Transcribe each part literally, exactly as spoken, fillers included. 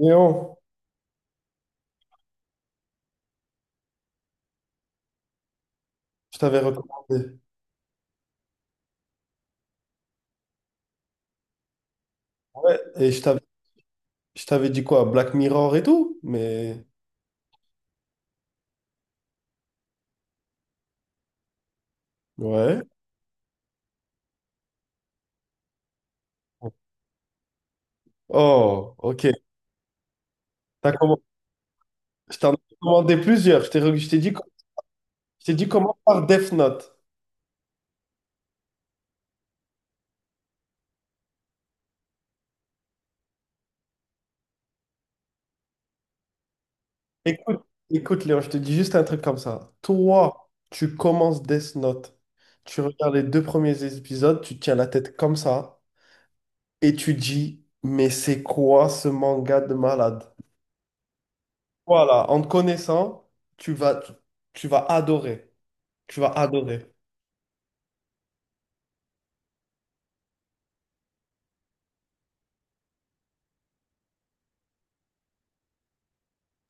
Léon, je t'avais recommandé. Ouais, et je t'avais, je t'avais dit quoi? Black Mirror et tout? Mais. Ouais. Oh, ok. T'as comm- Je t'en ai commandé plusieurs. Je t'ai re- je t'ai dit, co- Je t'ai dit comment par Death Note. Écoute, écoute, Léon, je te dis juste un truc comme ça. Toi, tu commences Death Note. Tu regardes les deux premiers épisodes, tu tiens la tête comme ça et tu dis, mais c'est quoi ce manga de malade? Voilà, en te connaissant, tu vas, tu vas adorer. Tu vas adorer.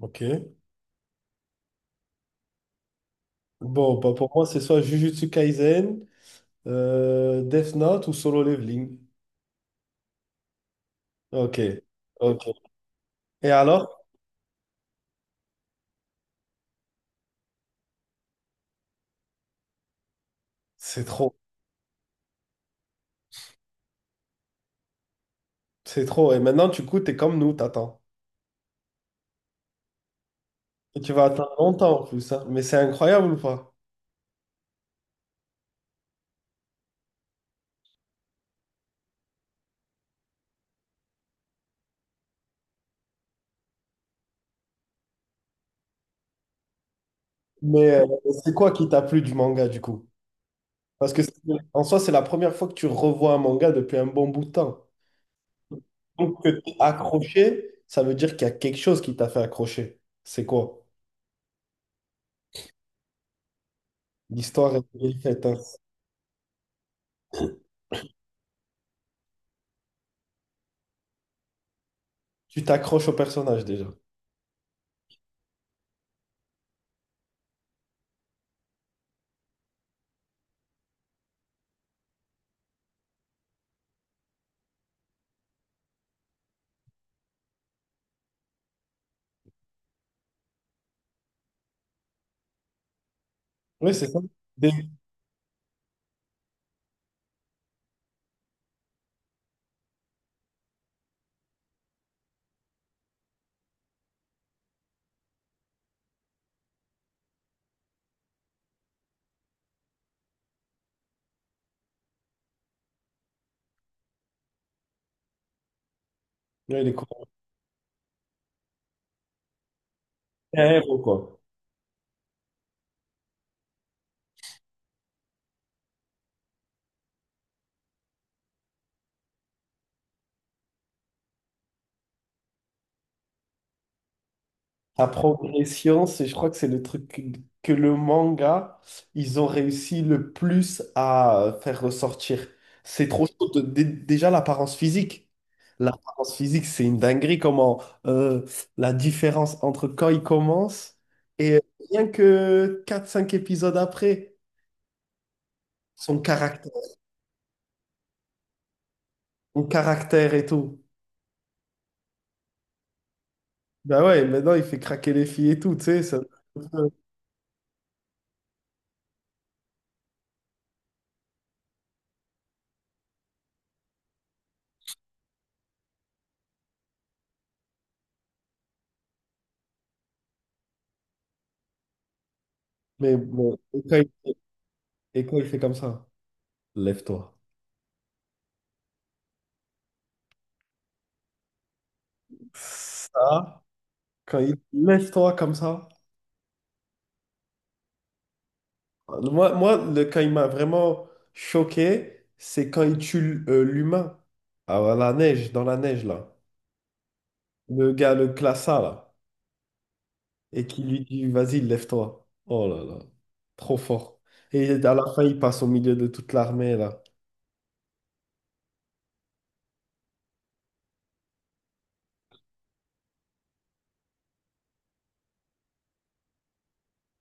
Ok. Bon, bah pour moi, c'est soit Jujutsu Kaisen, euh, Death Note ou Solo Leveling. Ok. Ok. Et alors? C'est trop. C'est trop. Et maintenant, du coup, t'es comme nous, t'attends. Et tu vas attendre longtemps en plus, hein. Mais c'est incroyable ou pas? Mais euh, c'est quoi qui t'a plu du manga, du coup? Parce que c'est- En soi, c'est la première fois que tu revois un manga depuis un bon bout de temps. Donc, que t'es accroché, ça veut dire qu'il y a quelque chose qui t'a fait accrocher. C'est quoi? L'histoire est bien faite, hein. Tu t'accroches au personnage déjà. Oui, c'est ça. Dès- ouais, les combats, c'est un héros, quoi. La progression, c'est, je crois que c'est le truc que que le manga, ils ont réussi le plus à faire ressortir. C'est trop chaud. De- dé- déjà, l'apparence physique. L'apparence physique, c'est une dinguerie. Comment euh, la différence entre quand il commence et rien que quatre cinq épisodes après, son caractère, son caractère et tout. Ben ouais, maintenant, il fait craquer les filles et tout, tu sais. ça- Mais bon, et quand il, et quand il fait comme ça, lève-toi. Ça, quand il lève-toi comme ça. Moi, moi le, quand il m'a vraiment choqué, c'est quand il tue euh, l'humain. Ah, à la neige, dans la neige, là. Le gars, le classa, là. Et qui lui dit, vas-y, lève-toi. Oh là là, trop fort. Et à la fin, il passe au milieu de toute l'armée, là.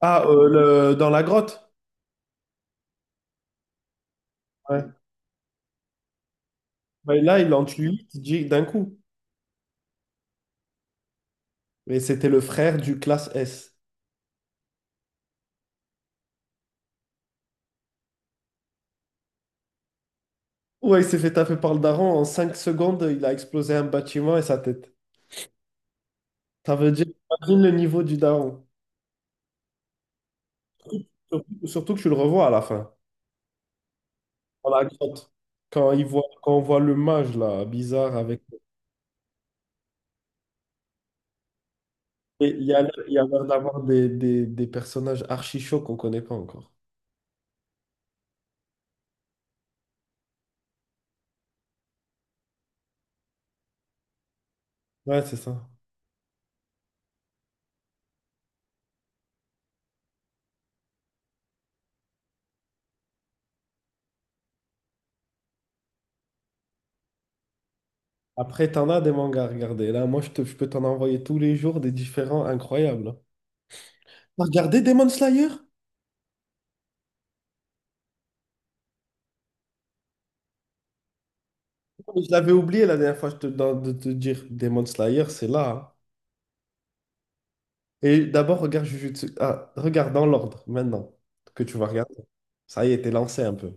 Ah, euh, le- dans la grotte. Ouais. Ben là, il en tue huit d'un coup. Et c'était le frère du classe S. Ouais, il s'est fait taper par le daron. En cinq secondes, il a explosé un bâtiment et sa tête. Ça veut dire, imagine le niveau du daron. Surtout, surtout que tu le revois à la fin, dans la grotte. Quand, il voit, quand on voit le mage, là, bizarre, avec... Et il y a, l'air- il y a l'air d'avoir des, des, des personnages archi chauds qu'on connaît pas encore. Ouais, c'est ça. Après, t'en as des mangas à regarder. Là, moi, je, te- je peux t'en envoyer tous les jours des différents incroyables, hein. T'as regardé Demon Slayer? Je l'avais oublié la dernière fois je te, dans- de te dire. Demon Slayer, c'est là, hein. Et d'abord, regarde Jujutsu. Ah, regarde dans l'ordre maintenant que tu vas regarder. Ça y est, t'es lancé un peu.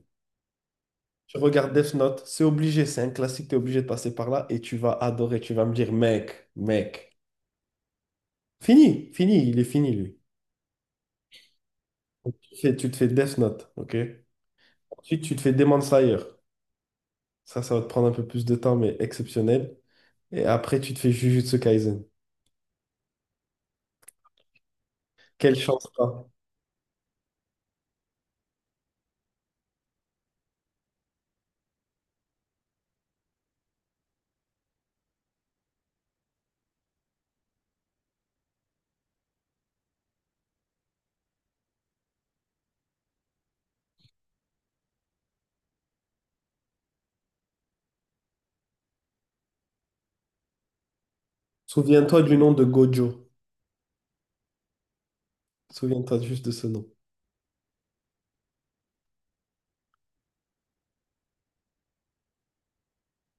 Tu regardes Death Note, c'est obligé, c'est un classique, t'es obligé de passer par là et tu vas adorer. Tu vas me dire, mec, mec. Fini, fini, il est fini lui. Donc, tu te fais, tu te fais Death Note, ok? Ensuite, tu te fais Demon Slayer. Ça, ça va te prendre un peu plus de temps, mais exceptionnel. Et après, tu te fais Jujutsu Kaisen. Quelle chance, toi. Souviens-toi du nom de Gojo. Souviens-toi juste de ce nom.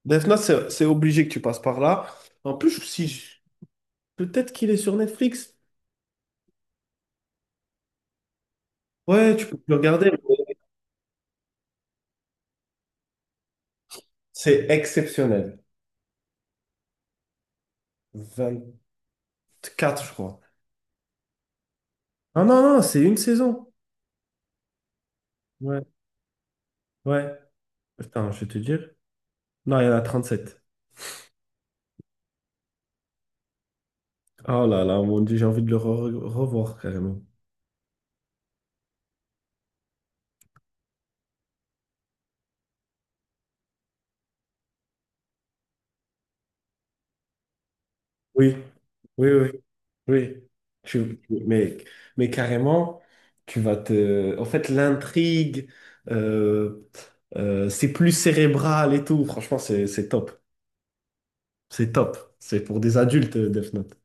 Defna, c'est c'est obligé que tu passes par là. En plus, si je- peut-être qu'il est sur Netflix. Ouais, tu peux le regarder. Mais c'est exceptionnel. vingt-quatre, je crois. Non, non, non, c'est une saison. Ouais, ouais. Attends, je vais te dire. Non, il y en a trente-sept. Oh là là, mon Dieu, j'ai envie de le re- revoir carrément. Oui, oui, oui, oui. Tu- tu- mais, mais carrément, tu vas te... En fait, l'intrigue, euh, euh, c'est plus cérébral et tout. Franchement, c'est c'est top. C'est top. C'est pour des adultes, euh, Death Note.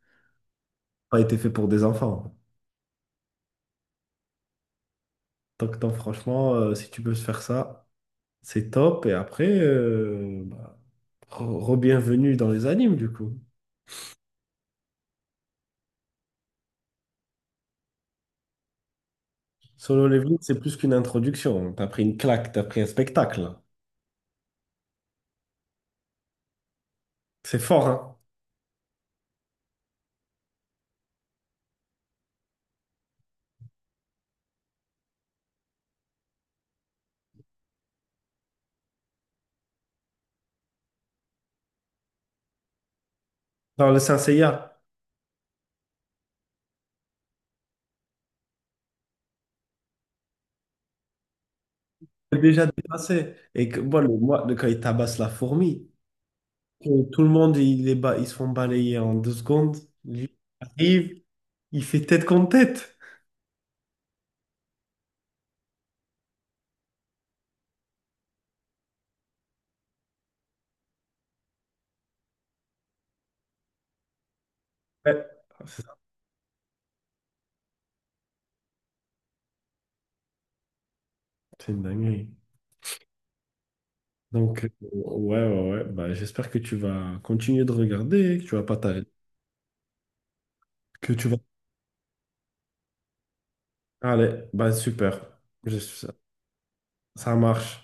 Pas été fait pour des enfants. Donc, non, franchement, euh, si tu peux se faire ça, c'est top. Et après, euh, bah, re- re-bienvenue dans les animes, du coup. Solo Leveling, c'est plus qu'une introduction. T'as pris une claque, t'as pris un spectacle. C'est fort, hein? Dans le Saint Seiya. Déjà dépassé. Et que, moi, le, moi, le- quand il tabasse la fourmi, que tout le monde, il est ba- ils se font balayer en deux secondes. Lui, il arrive, il fait tête contre tête. Ouais. C'est ça. C'est une dinguerie. Donc, euh, ouais, ouais, ouais. Bah, j'espère que tu vas continuer de regarder, que tu vas pas t'arrêter, que tu vas... Allez, bah, super. Je- ça marche.